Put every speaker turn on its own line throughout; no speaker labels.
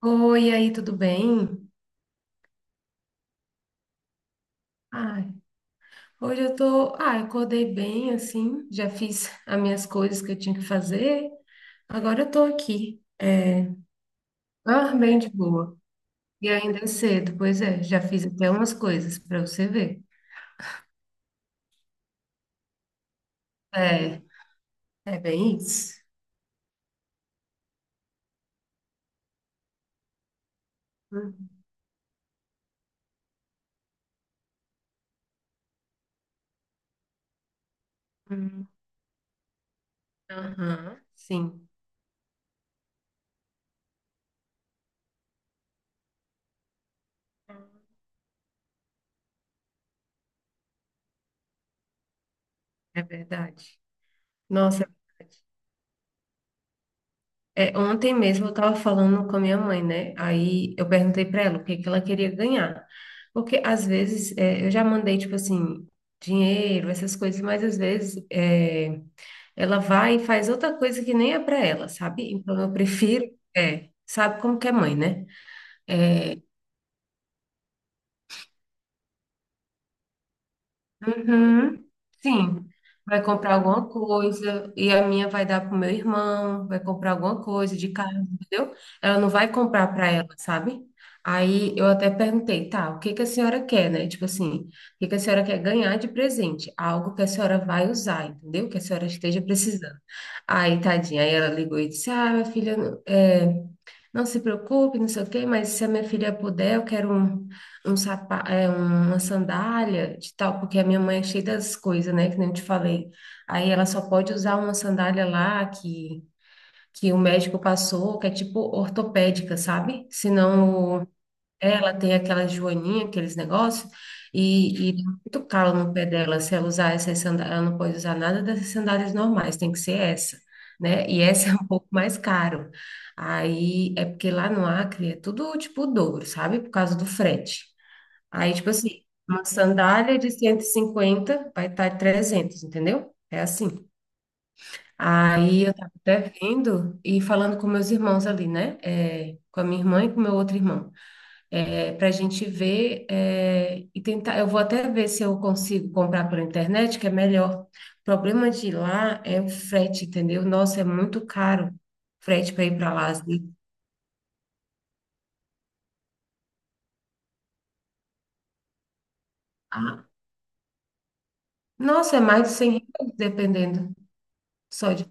Oi, e aí, tudo bem? Ai, hoje eu tô, acordei bem assim, já fiz as minhas coisas que eu tinha que fazer. Agora eu tô aqui. Ah, bem de boa. E ainda é cedo, pois é, já fiz até umas coisas para você ver. É, é. bem isso. Uhum. Aham, sim, é verdade. Nossa, é verdade. É, ontem mesmo eu estava falando com a minha mãe, né? Aí eu perguntei para ela o que que ela queria ganhar. Porque às vezes é, eu já mandei, tipo assim, dinheiro, essas coisas, mas às vezes é, ela vai e faz outra coisa que nem é para ela, sabe? Então eu prefiro, é, sabe como que é mãe, né? Uhum, sim, vai comprar alguma coisa e a minha vai dar pro meu irmão, vai comprar alguma coisa de casa, entendeu? Ela não vai comprar para ela, sabe? Aí eu até perguntei, tá, o que que a senhora quer, né? Tipo assim, o que que a senhora quer ganhar de presente? Algo que a senhora vai usar, entendeu? Que a senhora esteja precisando. Aí, tadinha, aí ela ligou e disse, ah, minha filha, é, não se preocupe, não sei o quê, mas se a minha filha puder, eu quero uma sandália de tal, porque a minha mãe é cheia das coisas, né, que nem eu te falei. Aí ela só pode usar uma sandália lá que o médico passou, que é tipo ortopédica, sabe? Ela tem aquela joaninha, aqueles negócios, e dá muito calo no pé dela. Se ela usar essas sandálias, ela não pode usar nada dessas sandálias normais, tem que ser essa. Né? E essa é um pouco mais caro. Aí é porque lá no Acre é tudo tipo o dobro, sabe? Por causa do frete. Aí, tipo assim, uma sandália de 150 vai estar 300, entendeu? É assim. Aí eu tava até vendo e falando com meus irmãos ali, né? É, com a minha irmã e com meu outro irmão. É, pra gente ver e tentar. Eu vou até ver se eu consigo comprar pela internet, que é melhor. O problema de lá é o frete, entendeu? Nossa, é muito caro o frete para ir para lá. Assim. Ah, nossa, é mais de 100 reais, dependendo. Só de.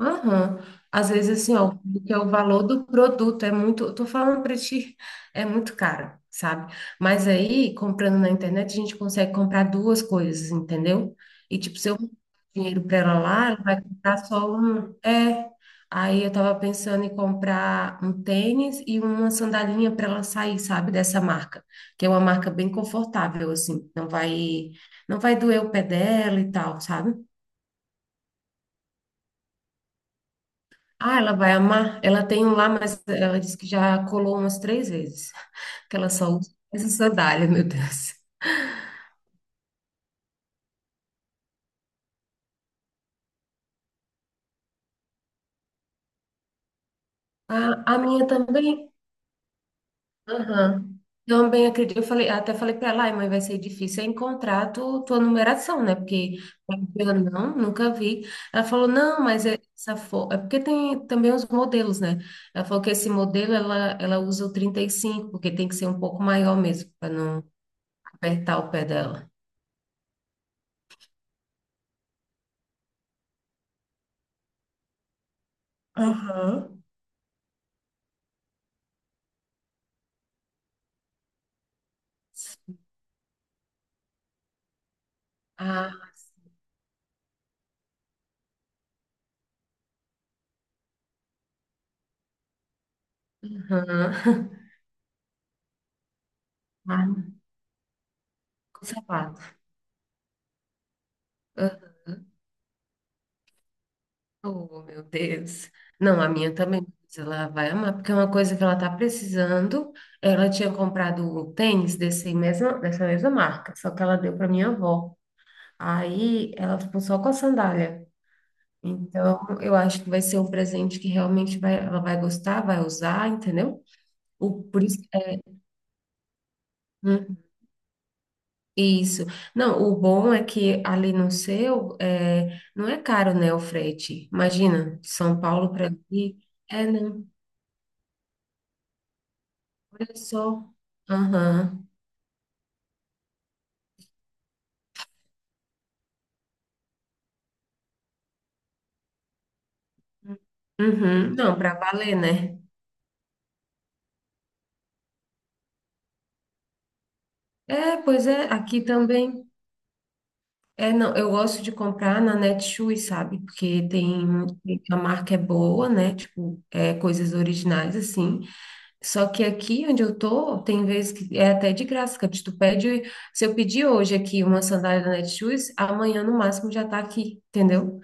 Aham. Às vezes, assim, ó, porque o valor do produto é muito, eu tô falando para ti, é muito caro, sabe? Mas aí, comprando na internet, a gente consegue comprar duas coisas, entendeu? E, tipo, se eu mandar dinheiro para ela lá, ela vai comprar só um. É. Aí eu tava pensando em comprar um tênis e uma sandalinha para ela sair, sabe, dessa marca, que é uma marca bem confortável, assim, não vai doer o pé dela e tal, sabe? Ah, ela vai amar. Ela tem um lá, mas ela disse que já colou umas 3 vezes. Que ela só usa essa sandália, meu Deus. A minha também. Aham. Também acredito. Eu falei, até falei para ela, ai, mãe, vai ser difícil é encontrar tua numeração, né? Porque eu não, nunca vi. Ela falou, não, mas é essa é porque tem também os modelos, né? Ela falou que esse modelo ela, usa o 35, porque tem que ser um pouco maior mesmo, para não apertar o pé dela. Aham. Aham. Ah, conservado. Ah, oh, meu Deus. Não, a minha também, mas ela vai amar, porque é uma coisa que ela tá precisando. Ela tinha comprado um tênis dessa mesma marca, só que ela deu para minha avó. Aí ela ficou só com a sandália. Então, eu acho que vai ser um presente que realmente vai, ela vai gostar, vai usar, entendeu? O, por isso. Isso. Não, o bom é que ali no seu, é, não é caro, né, o frete. Imagina, de São Paulo para aqui. É, não. Olha só. Aham. Uhum. Não, para valer, né? É, pois é, aqui também. É, não, eu gosto de comprar na Netshoes, sabe? Porque tem, a marca é boa, né? Tipo, é, coisas originais, assim. Só que aqui onde eu tô, tem vezes que é até de graça, que tu pede, se eu pedir hoje aqui uma sandália da Netshoes, amanhã no máximo já tá aqui, entendeu?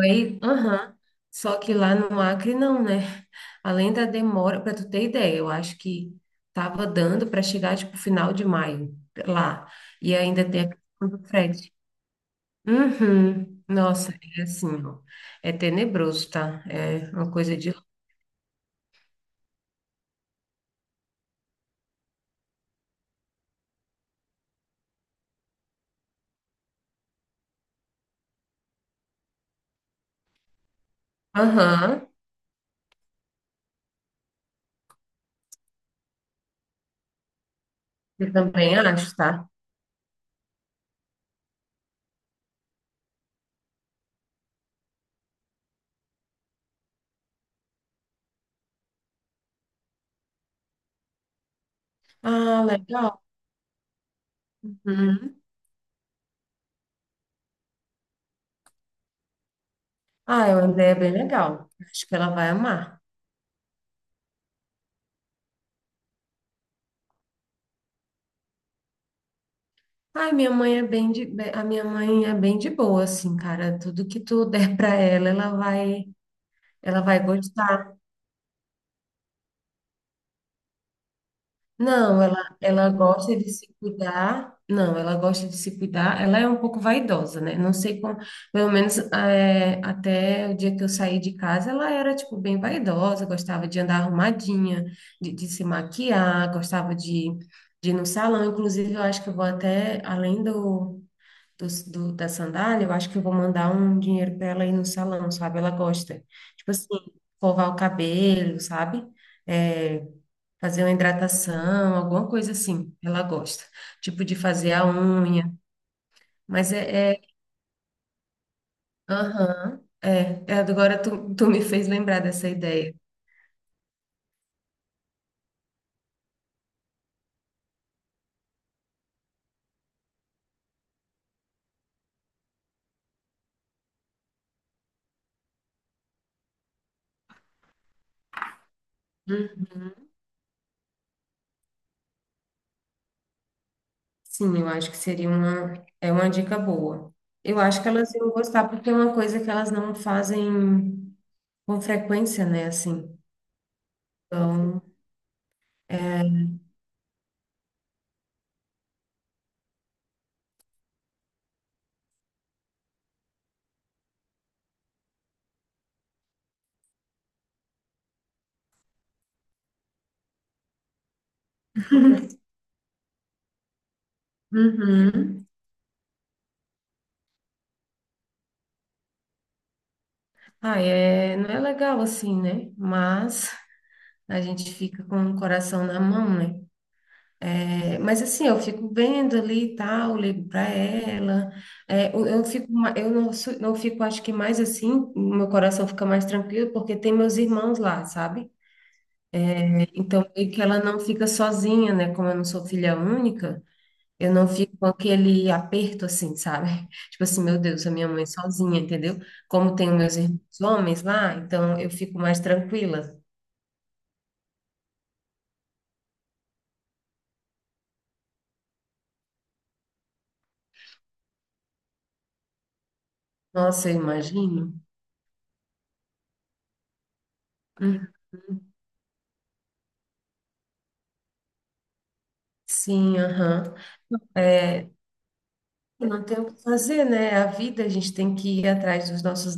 Aí, aham. Só que lá no Acre não, né? Além da demora, para tu ter ideia, eu acho que tava dando para chegar tipo final de maio lá. E ainda tem a questão do frete. Uhum. Nossa, é assim, ó. É tenebroso, tá? É uma coisa de. Aham. Eu também acho, tá? Ah, legal. Uhum. Ah, é uma ideia bem legal. Acho que ela vai amar. Ai, minha mãe é a minha mãe é bem de boa, assim, cara. Tudo que tu der pra ela, ela vai gostar. Não, ela gosta de se cuidar. Não, ela gosta de se cuidar. Ela é um pouco vaidosa, né? Não sei como, pelo menos é, até o dia que eu saí de casa, ela era, tipo, bem vaidosa, gostava de andar arrumadinha, de se maquiar, gostava de ir no salão. Inclusive, eu acho que eu vou até além do da sandália, eu acho que eu vou mandar um dinheiro para ela ir no salão, sabe? Ela gosta. Tipo assim, escovar o cabelo, sabe? É, fazer uma hidratação, alguma coisa assim. Ela gosta. Tipo de fazer a unha. Mas é. Aham. Agora tu me fez lembrar dessa ideia. Hum, Sim, eu acho que seria é uma dica boa. Eu acho que elas iam gostar, porque é uma coisa que elas não fazem com frequência, né? Assim. Então, uhum. Ah, é, não é legal assim, né? Mas a gente fica com o coração na mão, né? É, mas assim, eu fico vendo ali e tal, ligo para ela. É, eu fico, eu não, não fico, acho que mais assim, meu coração fica mais tranquilo porque tem meus irmãos lá, sabe? Então, meio que ela não fica sozinha, né? Como eu não sou filha única. Eu não fico com aquele aperto assim, sabe? Tipo assim, meu Deus, a minha mãe sozinha, entendeu? Como tenho meus irmãos homens lá, então eu fico mais tranquila. Nossa, eu imagino. Hum, Sim, aham. É, não tem o que fazer, né? A vida, a gente tem que ir atrás dos nossos,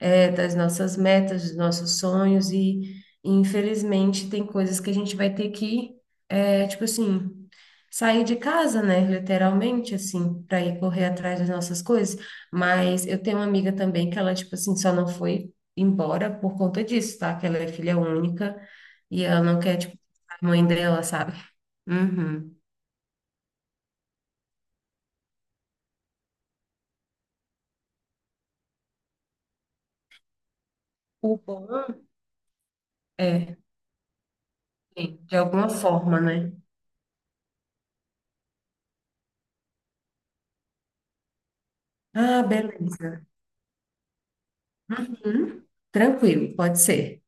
das nossas metas, dos nossos sonhos, infelizmente tem coisas que a gente vai ter que, tipo assim, sair de casa, né? Literalmente, assim, para ir correr atrás das nossas coisas. Mas eu tenho uma amiga também que ela, tipo assim, só não foi embora por conta disso, tá? Que ela é filha única e ela não quer, tipo, a mãe dela, sabe? Uhum. O bom é, sim, de alguma forma, né? Ah, beleza. Uhum. Tranquilo, pode ser.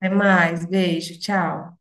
Até mais, beijo, tchau.